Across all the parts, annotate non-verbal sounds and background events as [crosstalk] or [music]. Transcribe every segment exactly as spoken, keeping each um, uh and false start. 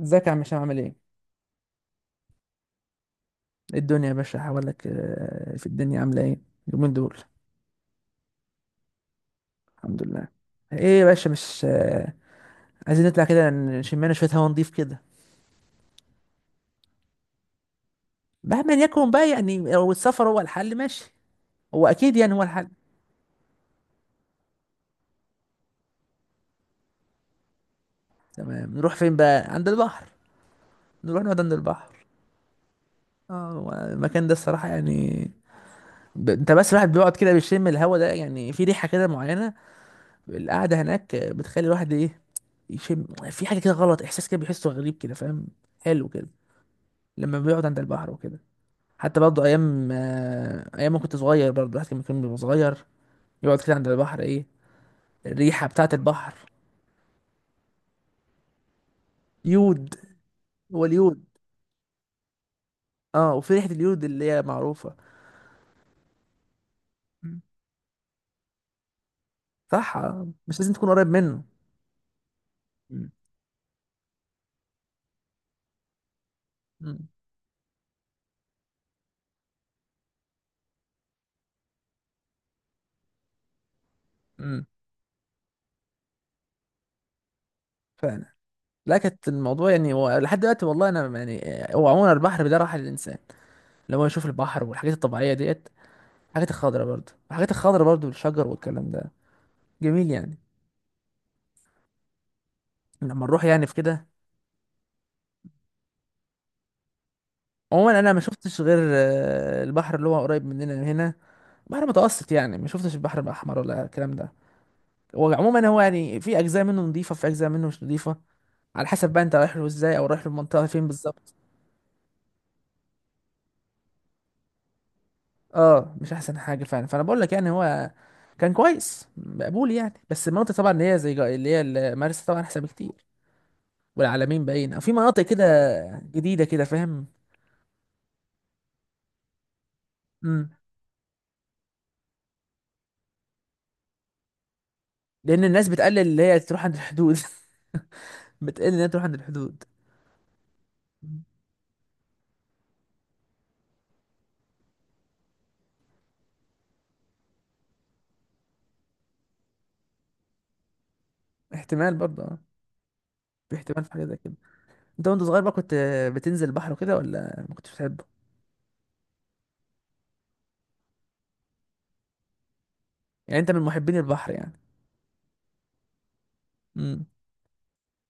ازيك يا عم هشام، عامل ايه؟ إيه الدنيا يا باشا حوالك، آه، في الدنيا عاملة ايه؟ اليومين دول. الحمد لله. ايه يا باشا، مش آه، عايزين نطلع كده، نشمنا شوية هوا نضيف كده. مهما يكون بقى يعني، لو السفر هو الحل ماشي. هو اكيد يعني، هو الحل. تمام، نروح فين بقى؟ عند البحر. نروح نقعد عند البحر. اه، هو المكان ده الصراحة يعني. ب... انت بس الواحد بيقعد كده بيشم الهوا ده، يعني في ريحة كده معينة. القعدة هناك بتخلي الواحد ايه، يشم. في حاجة كده غلط، احساس كده بيحسه غريب كده، فاهم؟ حلو كده. لما بيقعد عند البحر وكده. حتى برضه ايام، آه، ايام ما كنت صغير برضه، الواحد كان كان بيبقى صغير، يقعد كده عند البحر ايه، الريحه بتاعه البحر. يود. هو اليود. اه، وفي ريحه اليود اللي هي معروفه. مم. صح، آه، مش لازم تكون قريب منه. مم. مم. مم. فعلا. لا كانت الموضوع يعني هو لحد دلوقتي، والله انا يعني، آه، هو عموما البحر ده راحه للانسان، لما هو يشوف البحر والحاجات الطبيعيه ديت. الحاجات الخضراء برضه، الحاجات الخضراء برضه، والشجر والكلام ده، جميل يعني. لما نروح يعني في كده. عموما انا ما شفتش غير، آه، البحر اللي هو قريب مننا هنا. بحر متوسط يعني، ما شفتش البحر الاحمر ولا الكلام ده. هو عموما هو يعني، في اجزاء منه نظيفه، في اجزاء منه مش نظيفه، على حسب بقى انت رايح له ازاي، او رايح للمنطقه فين بالظبط. اه مش احسن حاجه فعلا، فانا بقول لك يعني هو كان كويس مقبول يعني، بس المناطق طبعا اللي هي زي جا- اللي هي ال- مرسى طبعا، احسن بكتير، والعلمين باين، او في مناطق كده جديده كده، فاهم. امم. لان الناس بتقلل اللي هي تروح عند الحدود [laughs] بتقلل ان هي تروح عند الحدود. مم. احتمال برضه اه. في احتمال في حاجه زي كده. انت وانت صغير بقى كنت بتنزل البحر وكده، ولا ما كنتش بتحبه؟ يعني انت من محبين البحر يعني؟ امم.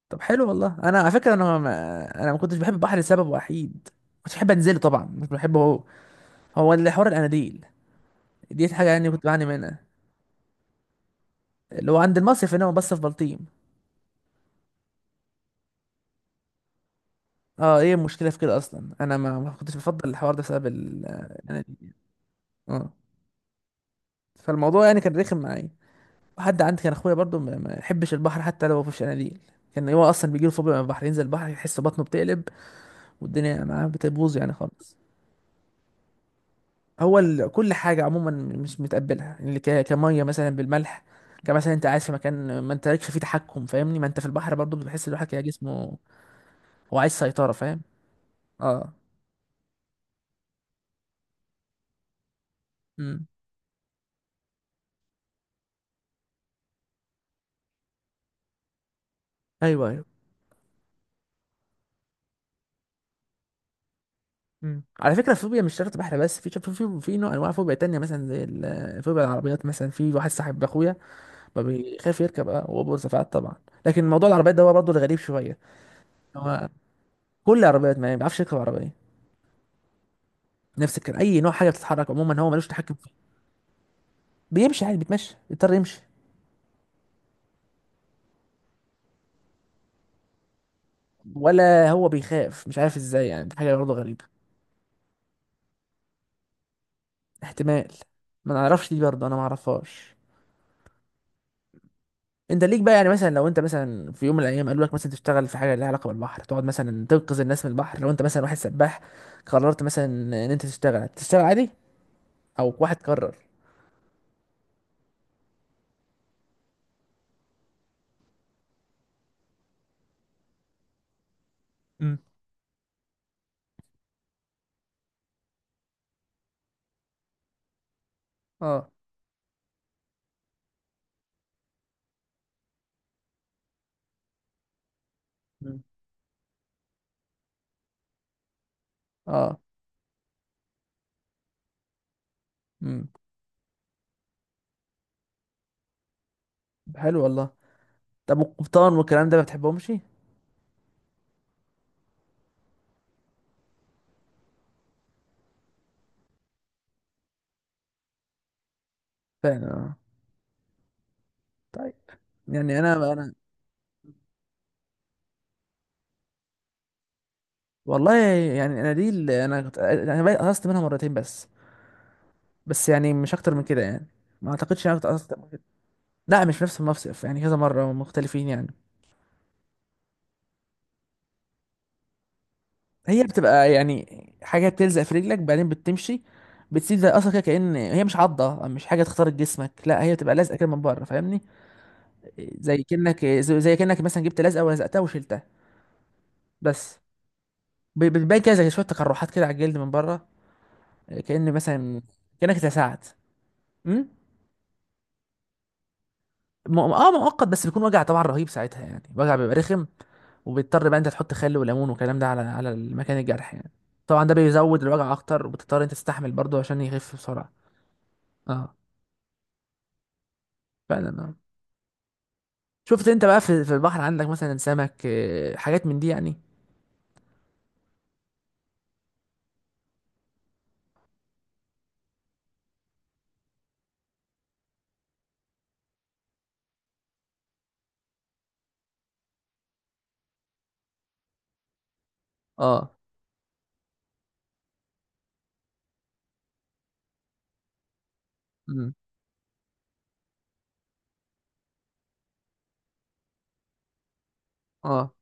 طب حلو، والله انا على فكره انا ما... انا ما كنتش بحب البحر لسبب وحيد. كنت بحب انزله طبعا، مش بحبه هو. هو اللي حوار الاناديل، دي حاجه يعني كنت بعاني منها. اللي هو عند المصيف هنا بس في بلطيم. اه، ايه المشكله في كده؟ اصلا انا ما, ما كنتش بفضل الحوار ده بسبب ال- الاناديل. اه، فالموضوع يعني كان رخم معايا. حد عندي كان اخويا برضو ما ما يحبش البحر حتى لو في شناديل. كان هو اصلا بيجيله فوبيا من البحر، ينزل البحر يحس بطنه بتقلب، والدنيا معاه بتبوظ يعني خالص. هو ال... كل حاجه عموما مش متقبلها اللي ك... كميه مثلا بالملح. كمثلا انت قاعد في مكان ما انت لكش فيه تحكم، فاهمني؟ ما انت في البحر برضو بتحس الواحد كده جسمه، هو عايز سيطره، فاهم؟ اه. امم. ايوه، ايوه. امم، على فكره، الفوبيا مش شرط بحر بس، في في في, في نوع انواع فوبيا تانية مثلا، زي ال- فوبيا العربيات مثلا، في واحد صاحب اخويا فبيخاف يركب، اه واوبر سفاعات طبعا. لكن موضوع العربيات ده هو برضه الغريب شويه. هو كل العربيات ما بيعرفش يركب عربيه. نفس الكلام، اي نوع حاجه بتتحرك عموما هو ملوش تحكم فيه. بيمشي عادي، بيتمشى، بيضطر يمشي. ولا هو بيخاف، مش عارف ازاي يعني، دي حاجه برضه غريبه. احتمال، ما نعرفش، دي برضه انا ما اعرفهاش. انت ليك بقى يعني، مثلا لو انت مثلا في يوم من الايام قالوا لك مثلا تشتغل في حاجه ليها علاقه بالبحر، تقعد مثلا تنقذ الناس من البحر، لو انت مثلا واحد سباح، قررت مثلا ان انت تشتغل تشتغل عادي، او واحد قرر. مم. اه. مم. اه. امم. حلو والله. طب القبطان والكلام ده ما بتحبهمش؟ فعلا. آه. طيب. يعني انا انا والله، يعني انا دي اللي انا كنت انا بقى قصت منها مرتين بس، بس يعني مش اكتر من كده يعني، ما اعتقدش انا كنت قصت من كده. لا مش نفس المصيف، يعني كذا مره مختلفين يعني. هي بتبقى يعني حاجه بتلزق في رجلك بعدين بتمشي، بتسيب زي اصلا كده، كأن هي مش عضه، مش حاجه تخترق جسمك لا، هي بتبقى لازقه كده من بره، فاهمني؟ زي كأنك زي زي كأنك مثلا جبت لزقه ولزقتها وشلتها بس. ب- بتبان كده زي شويه تقرحات كده على الجلد من بره، كأن مثلا كأنك اتلسعت. امم. م- اه مؤقت بس، بيكون وجع طبعا رهيب ساعتها يعني، وجع بيبقى رخم، وبيضطر بقى انت تحط خل وليمون والكلام ده على على مكان الجرح يعني. طبعا ده بيزود الوجع اكتر، وبتضطر انت تستحمل برضه عشان يخف بسرعه. اه، فعلا اه. شفت انت بقى في في البحر عندك مثلا سمك، آه، حاجات من دي يعني؟ اه. امم. اه.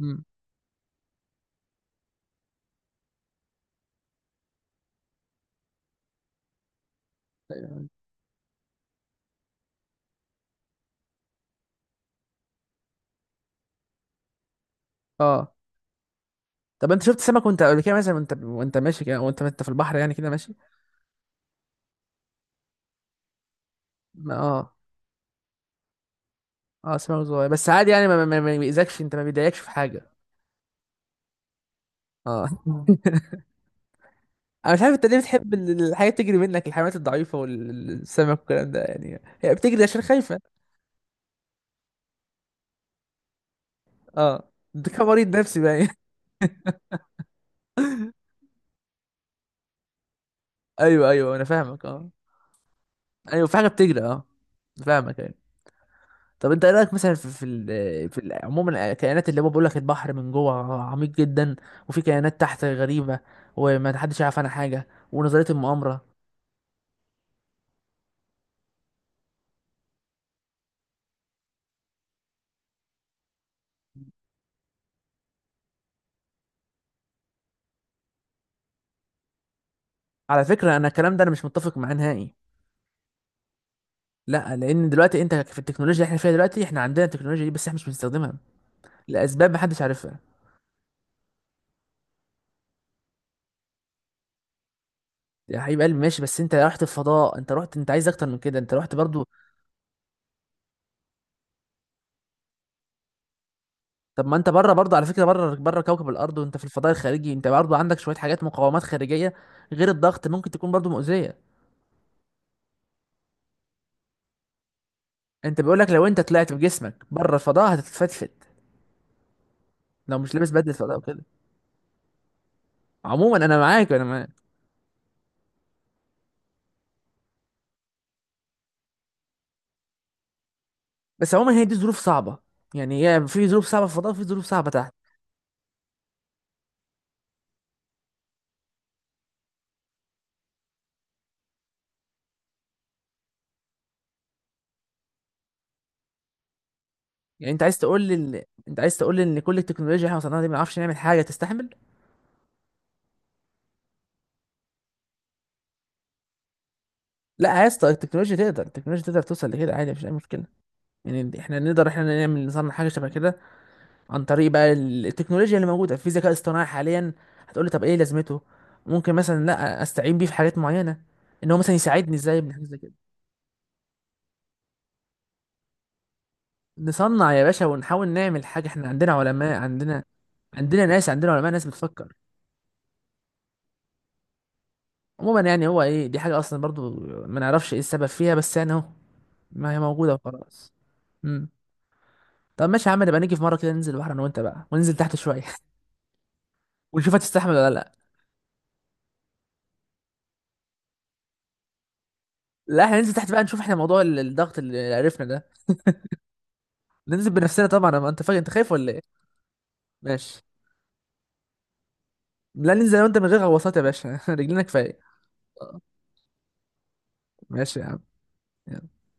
امم. اه. طب انت شفت سمك وانت قبل كده مثلا، وانت وانت ماشي كده وانت انت في البحر يعني كده ماشي؟ اه. اه سمك صغير بس عادي يعني، ما ما ما بيأذكش، انت ما بيضايقكش في حاجه. اه [laughs] انا مش عارف انت ليه بتحب ال- الحاجات تجري منك، الحيوانات الضعيفه والسمك والكلام ده، يعني هي بتجري عشان خايفه. اه، ده كان مريض نفسي بقى [laughs] ايوه، ايوه انا فاهمك اه. ايوه في حاجه بتجري اه. فاهمك ايوه. طب انت ايه رايك مثلا في في ال- في ال- عموما الكائنات اللي هو بيقول لك البحر من جوه عميق جدا، وفي كائنات تحت غريبه، وما حدش يعرف عنها حاجه، ونظريه المؤامره. على فكره، انا الكلام ده انا مش متفق معاه نهائي. لا، لان دلوقتي انت في التكنولوجيا اللي احنا فيها دلوقتي، احنا عندنا التكنولوجيا دي بس احنا مش بنستخدمها لاسباب محدش عارفها. يا حبيب قلبي ماشي، بس انت رحت الفضاء، انت رحت انت عايز اكتر من كده؟ انت رحت برضو. طب ما انت بره برضو، على فكره، بره بره كوكب الارض وانت في الفضاء الخارجي، انت برضو عندك شويه حاجات، مقاومات خارجيه غير الضغط، ممكن تكون برضو مؤذيه. انت بيقول لك لو انت طلعت بجسمك بره الفضاء هتتفتفت، لو مش لابس بدله فضاء وكده. عموما انا معاك، انا معاك. بس عموما هي دي ظروف صعبه، يعني هي في ظروف صعبه في الفضاء، وفي ظروف صعبه تحت. يعني انت عايز تقول لي ال... انت عايز تقول لي ان كل التكنولوجيا اللي احنا وصلنا لها دي ما نعرفش نعمل حاجه تستحمل؟ لا يا اسطى، التكنولوجيا تقدر، التكنولوجيا تقدر توصل لكده عادي مفيش اي مشكله. يعني احنا نقدر، احنا نعمل نصنع حاجه شبه كده عن طريق بقى ال- التكنولوجيا اللي موجوده في ذكاء اصطناعي حاليا. هتقول لي طب ايه لازمته؟ ممكن مثلا لا استعين بيه في حاجات معينه، ان هو مثلا يساعدني ازاي من حاجه زي كده. نصنع يا باشا، ونحاول نعمل حاجه، احنا عندنا علماء، عندنا، عندنا ناس، عندنا علماء ناس بتفكر. عموما يعني، هو ايه؟ دي حاجه اصلا برضو ما نعرفش ايه السبب فيها، بس يعني اهو، ما هي موجودة وخلاص. امم. طب ماشي يا عم، نبقى نيجي في مرة كده ننزل البحر انا وانت بقى، وننزل تحت شوية [laughs] ونشوف هتستحمل ولا لا. لا احنا ننزل تحت بقى نشوف احنا موضوع ال- الضغط اللي عرفنا ده. ننزل بنفسنا طبعا، أما انت فاكر انت خايف ولا ايه؟ ماشي. لا، ننزل انا وانت من غير غواصات يا باشا [laughs] رجلينا كفاية. ماشي يا عم. يلا.